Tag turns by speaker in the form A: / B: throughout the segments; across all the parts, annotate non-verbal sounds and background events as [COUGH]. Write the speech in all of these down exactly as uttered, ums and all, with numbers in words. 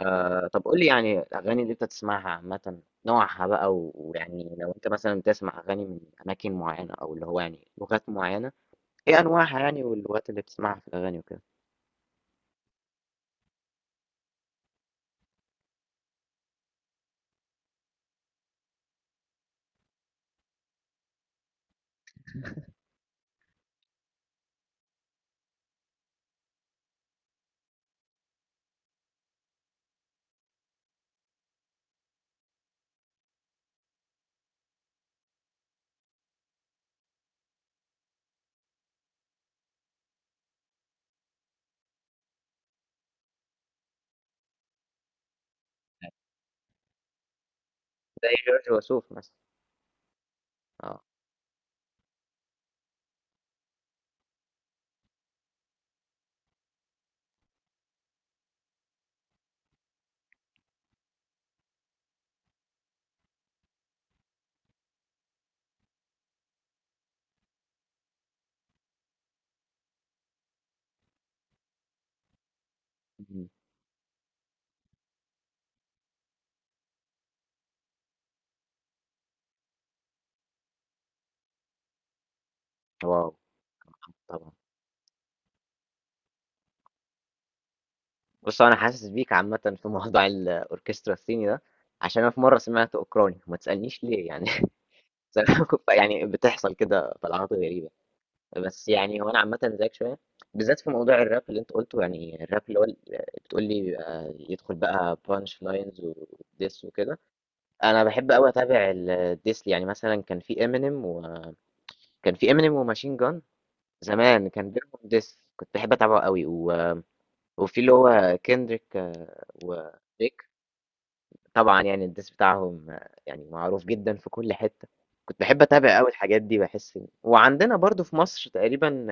A: آه، طب قول لي يعني الأغاني اللي أنت تسمعها عامة نوعها بقى و- ويعني لو أنت مثلا بتسمع أغاني من أماكن معينة أو اللي هو يعني لغات معينة، إيه أنواعها يعني واللغات اللي بتسمعها في الأغاني وكده. زي جورج وسوف مثلا. أه. مم. واو. طبعا. بص، أنا حاسس بيك عامة في موضوع الأوركسترا الصيني ده، عشان أنا في مرة سمعت أوكراني وما تسألنيش ليه يعني. [LAUGHS] بس أنا كنت- يعني بتحصل كده طلعات غريبة. بس يعني هو انا عامه زيك شويه، بالذات في موضوع الراب اللي انت قلته، يعني الراب اللي هو ال- بتقول لي بيبقى يدخل بقى بانش لاينز وديس وكده. انا بحب قوي اتابع الديس، يعني مثلا كان في امينيم وكان في امينيم وماشين جان، زمان كان بينهم ديس، كنت بحب اتابعه قوي و... وفي اللي هو كيندريك ودريك. طبعا يعني الديس بتاعهم آه، يعني معروف جدا في كل حته. كنت بحب اتابع قوي الحاجات دي، بحس إن- وعندنا برضو في مصر تقريبا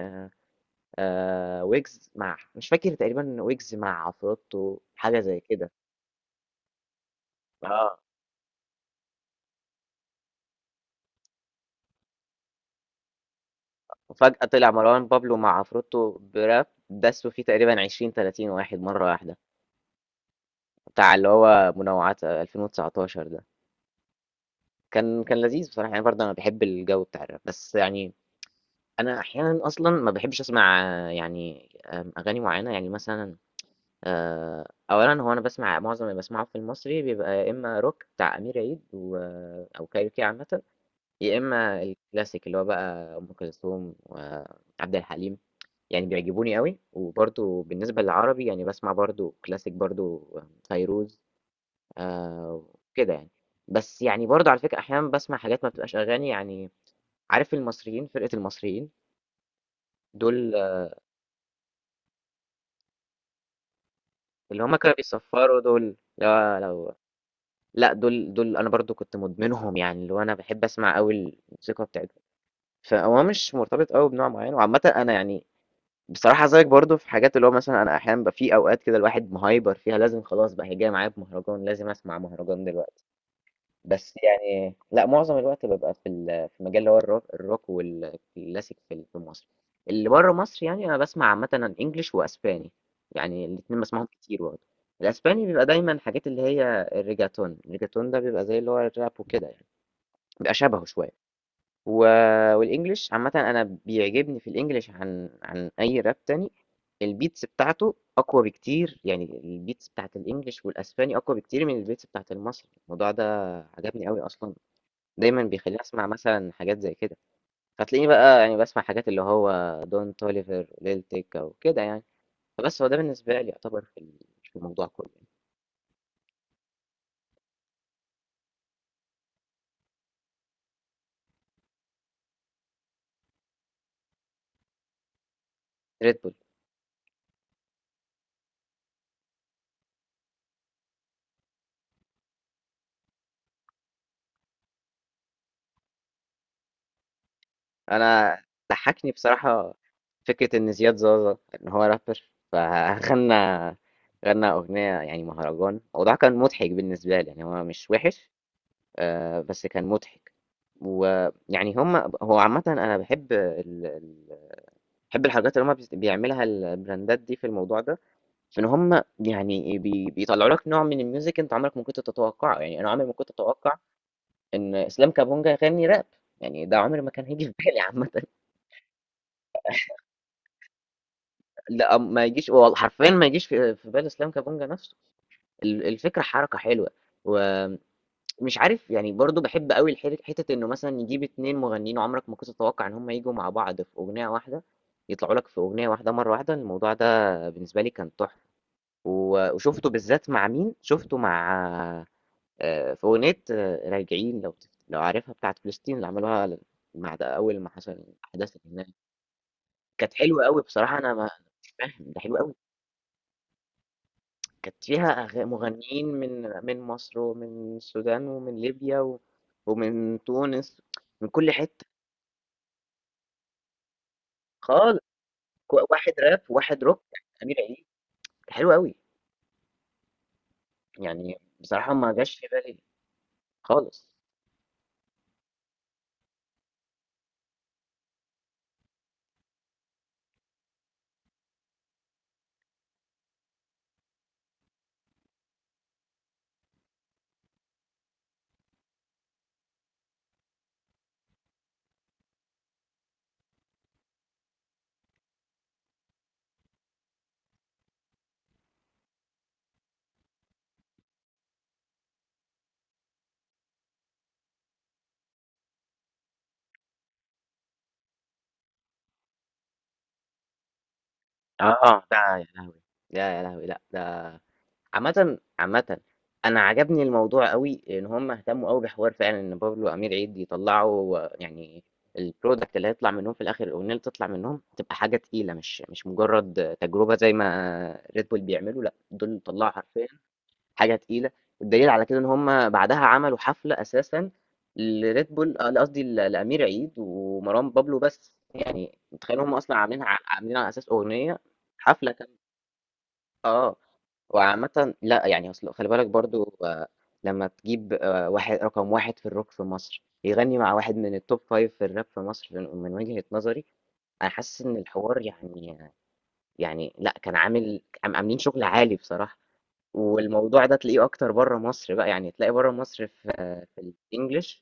A: آه ويجز مع مش فاكر، تقريبا ويجز مع عفروتو حاجة زي كده. اه. وفجأة طلع مروان بابلو مع عفروتو براب دسوا فيه تقريبا عشرين تلاتين واحد مرة واحدة، بتاع اللي هو منوعات ألفين وتسعتاشر ده. كان كان لذيذ بصراحة يعني، برضه أنا بحب الجو بتاع الراب، بس يعني أنا أحيانا أصلا ما بحبش أسمع آه، يعني آم، أغاني معينة، يعني مثلا آه، أولا، هو أنا بسمع معظم اللي بسمعه في المصري بيبقى يا إما روك بتاع أمير عيد و... أو كايروكي عامة، يا إما الكلاسيك اللي هو بقى أم كلثوم وعبد الحليم، يعني بيعجبوني قوي. وبرضو بالنسبة للعربي يعني بسمع برضو كلاسيك برضو فيروز. آه. كده يعني. بس يعني برضو على فكرة أحيانا بسمع حاجات ما بتبقاش أغاني يعني. عارف المصريين، فرقة المصريين دول، آه، اللي هما كانوا بيصفروا دول. لا لو لا دول دول أنا برضو كنت مدمنهم، يعني اللي هو أنا بحب أسمع قوي الموسيقى بتاعتهم. فهو مش مرتبط قوي بنوع معين، وعامة أنا يعني بصراحة زيك برضه في حاجات اللي هو مثلًا أنا أحيانًا بيبقى في أوقات كده الواحد مهايبر فيها، لازم خلاص بقى هي جاية معايا بمهرجان، لازم أسمع مهرجان دلوقتي. بس يعني لأ، معظم الوقت بابقى في ال في مجال اللي هو الرو الروك والكلاسيك في ال في مصر. اللي برّه مصر يعني أنا باسمع عامةً English وأسباني، يعني الاتنين باسمعهم كتير برضه. الأسباني بيبقى دايمًا حاجات اللي هي الReggaeton، الReggaeton ده بيبقى زي اللي هو الراب وكده يعني، بيبقى شبهه شوية. و... والانجليش عامة انا بيعجبني في الانجليش عن عن اي راب تاني، البيتس بتاعته اقوى بكتير، يعني البيتس بتاعت الانجليش والاسباني اقوى بكتير من البيتس بتاعت المصري. الموضوع ده عجبني قوي اصلا، دايما بيخليني اسمع مثلا حاجات زي كده. فتلاقيني بقى يعني بسمع حاجات اللي هو دون توليفر، ليل تيكا، وكده يعني. فبس هو ده بالنسبة لي يعتبر في ال- في الموضوع كله. ريد بول. انا ضحكني بصراحه فكره ان زياد زازا ان هو رابر فغنى غنى اغنيه يعني مهرجان، الموضوع كان مضحك بالنسبه لي، يعني هو مش وحش آه، بس كان مضحك. ويعني هم، هو عامه انا بحب ال... ال- بحب الحاجات اللي هم بيعملها البراندات دي في الموضوع ده، في ان هم يعني بي... بيطلعوا لك نوع من الميوزك انت عمرك ما كنت تتوقعه. يعني انا عمري ما كنت اتوقع ان اسلام كابونجا يغني راب، يعني ده عمري ما كان هيجي في بالي عامه. لأ، ما يجيش، هو حرفيًا ما يجيش في في بال إسلام كابونجا نفسه. ال الفكرة حركة حلوة، ومش عارف يعني، برضه باحب أوي الحر حتة إنه مثلًا يجيب اتنين مغنيين عمرك ما كنت تتوقع إن هم ييجوا مع بعض في أغنية واحدة، يطلعوا لك في أغنية واحدة مرة واحدة، الموضوع ده بالنسبة لي كان تحفة. و وشُفته بالذات مع مين، شُفته مع آآ في أغنية آه، راجعين، لو تف لو عارفها، بتاعة فلسطين اللي عملوها ل بعد أول ما حصل الأحداث اللي هناك. كانت حلوة أوي بصراحة. أنا ما مش فاهم، ده حلو أوي. كانت فيها أغ- مغنيين من من مصر، ومن السودان، ومن ليبيا و- ومن تونس، من كل حتة خالص. كو- واحد راب واحد روك، أمير عيد، حلو قوي يعني. بصراحة ما جاش في بالي خالص. اه. آه، ده يا لهوي. لا يا لهوي، لا ده. عامة عامة انا عجبني الموضوع قوي، ان هم اهتموا قوي بحوار، فعلا ان بابلو وامير عيد يطلعوا آه، يعني البرودكت اللي هيطلع منهم في الاخر، الاغنيه اللي تطلع منهم، تبقى حاجه تقيله، مش مش مجرد آه، تجربه زي ما ريد بول بيعملوا. لا، دول طلعوا حرفيا حاجه تقيله. والدليل على كده ان هم بعدها عملوا حفله اساسا لريد بول، آه، لا قصدي ل- لامير عيد ومروان بابلو، بس يعني متخيل، هم اصلا عاملينها ع- عاملينها على اساس اغنيه. حفله. آه. وعامةً لأ، يعني أصل خلّي بالك برضه آآ لمّا تجيب آآ واحد رقم واحد في الrock في مصر، يغني مع واحد من الtop خمسة في الrap في مصر من من وجهة نظري، أنا حاسس إن الحوار يعني، يعني لأ، كان عامل عام عاملين شغل عالي بصراحة. والموضوع ده تلاقيه أكتر برّه مصر بقى، يعني تلاقي برّه مصر في آه، في الEnglish.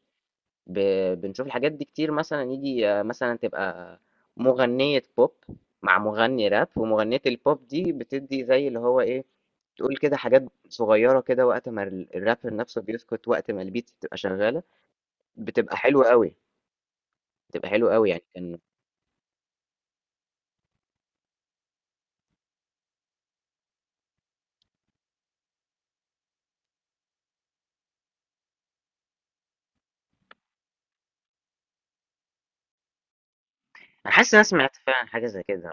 A: ب- بنشوف الحاجات دي كتير، مثلا يجي آه، مثلا تبقى مغنية بوب مع مغني راب، ومغنية البوب دي بتدي زي اللي هو ايه، تقول كده حاجات صغيرة كده وقت ما ال- الرابر نفسه بيسكت، وقت ما البيت بتبقى شغالة. بتبقى حلوة قوي، بتبقى حلوة قوي يعني كان. انا حاسس إن انا سمعت فعلا حاجة زي كده.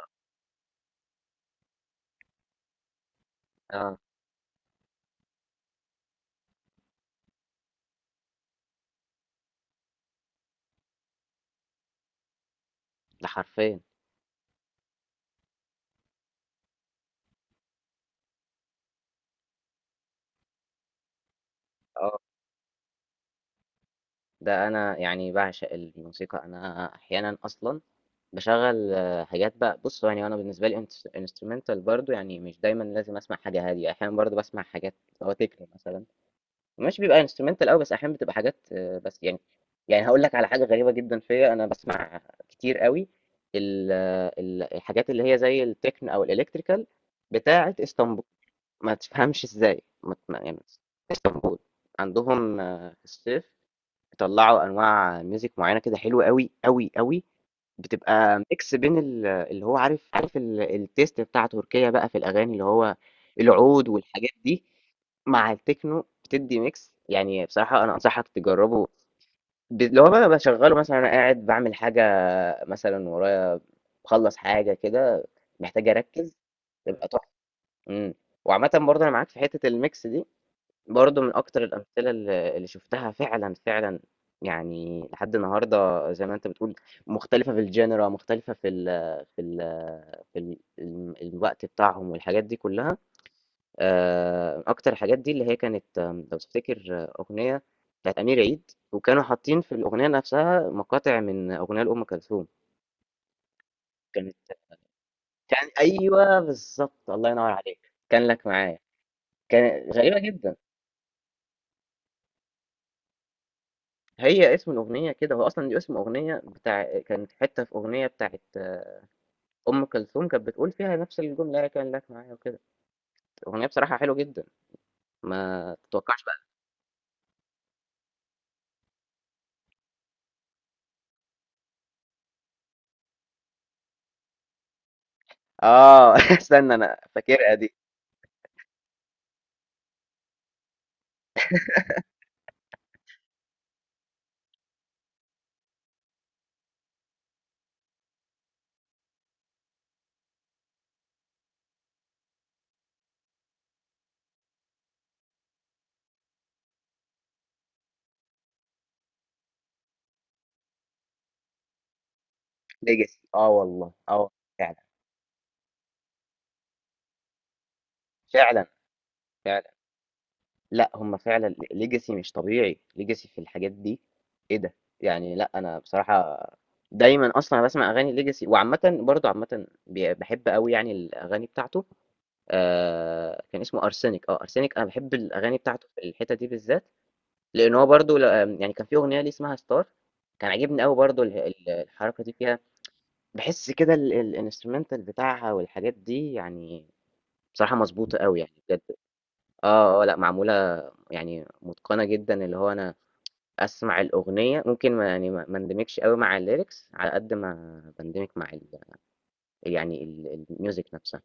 A: اه. ده حرفيا. اه. ده انا يعني بعشق الموسيقى، انا احيانا اصلا باشغّل حاجات بقى. بُص، هو يعني أنا بالنسبة لي inst instrumental برضه، يعني مش دايمًا لازم أسمع حاجة هادية، أحيانًا برضه باسمع حاجات اللي هو techno مثلًا، مش بيبقى instrumental أوي، بس أحيانًا بتبقى حاجات آه، بس يعني. يعني هاقول لك على حاجة غريبة جدًا فيّا، أنا باسمع كتير أوي ال آه، ال الحاجات اللي هي زي الtechno أو الelectrical بتاعة إسطنبول. ما تفهمش إزاي، ما ت يعني إسطنبول عندهم آه، في الصيف بيطلّعوا أنواع music معيّنة كده، حلوة أوي، أوي، أوي. بتبقى mix بين ال اللي هو عارف عارف ال الtaste بتاع تركيا بقى في الأغاني، اللي هو العود والحاجات دي، مع التكنو، بتدّي mix. يعني بصراحة أنا أنصحك تجرّبه. ب اللي هو بقى باشغّله مثلًا وأنا قاعد باعمل حاجة مثلًا ورايا، باخلّص حاجة كده محتاج أركّز، بيبقى تحفة. إمم. وعامةً برضه أنا معاك في حتّة الmix دي. برضه من أكتر الأمثلة ال اللي شُفتها فعلًا، فعلًا يعني لحد النهارده، زي ما أنت بتقول، مختلفة في الgenre، مختلفة في ال في ال في ال الم الوقت بتاعهم والحاجات دي كلّها. آآ أكتر الحاجات دي اللي هي كانت آم، لو تفتكر آه، أغنية بتاعة أمير عيد، وكانوا حاطين في الأغنية نفسها مقاطع من أغنية لأم كلثوم، كانت كان أيوه بالضبط، الله ينور عليك، كان لك معايا، كان غريبة جدًا. هي اسم الأغنية كده، هو أصلًا دي اسم أغنية بتاع، كانت حتّة في أغنية بتاعة أم كلثوم كانت بتقول فيها نفس الجملة هي كان لك معايا وكده، أغنية بصراحة حلوة جدًا، ما تتوقعش بقى. آه. [LAUGHS] استنى أنا فاكرها دي. legacy آه والله، آه فعلًا، فعلًا، فعلًا. لأ، هم فعلًا legacy مش طبيعي، legacy في الحاجات دي، إيه ده! يعني لأ، أنا بصراحة دايمًا أصلًا أنا باسمع أغاني legacy. وعامةً برضه عامةً ب باحب أوي يعني الأغاني بتاعته. آه، كان اسمه ارسنك. اه ارسنك انا بحب الاغاني بتاعته في الحته دي بالذات، لان هو برضو ل- آم، يعني كان في اغنيه ليه اسمها ستار، كان عاجبني قوي برضو ال- ال- الحركه دي فيها. بحس كده الانسترومنتال بتاعها والحاجات دي يعني بصراحه مظبوطه قوي يعني بجد. اه اه، لا معموله يعني متقنه جدا. اللي هو انا اسمع الاغنيه ممكن ما يعني ما ما اندمجش قوي مع الليركس على قد ما بندمج مع ال يعني ال- الميوزك نفسها.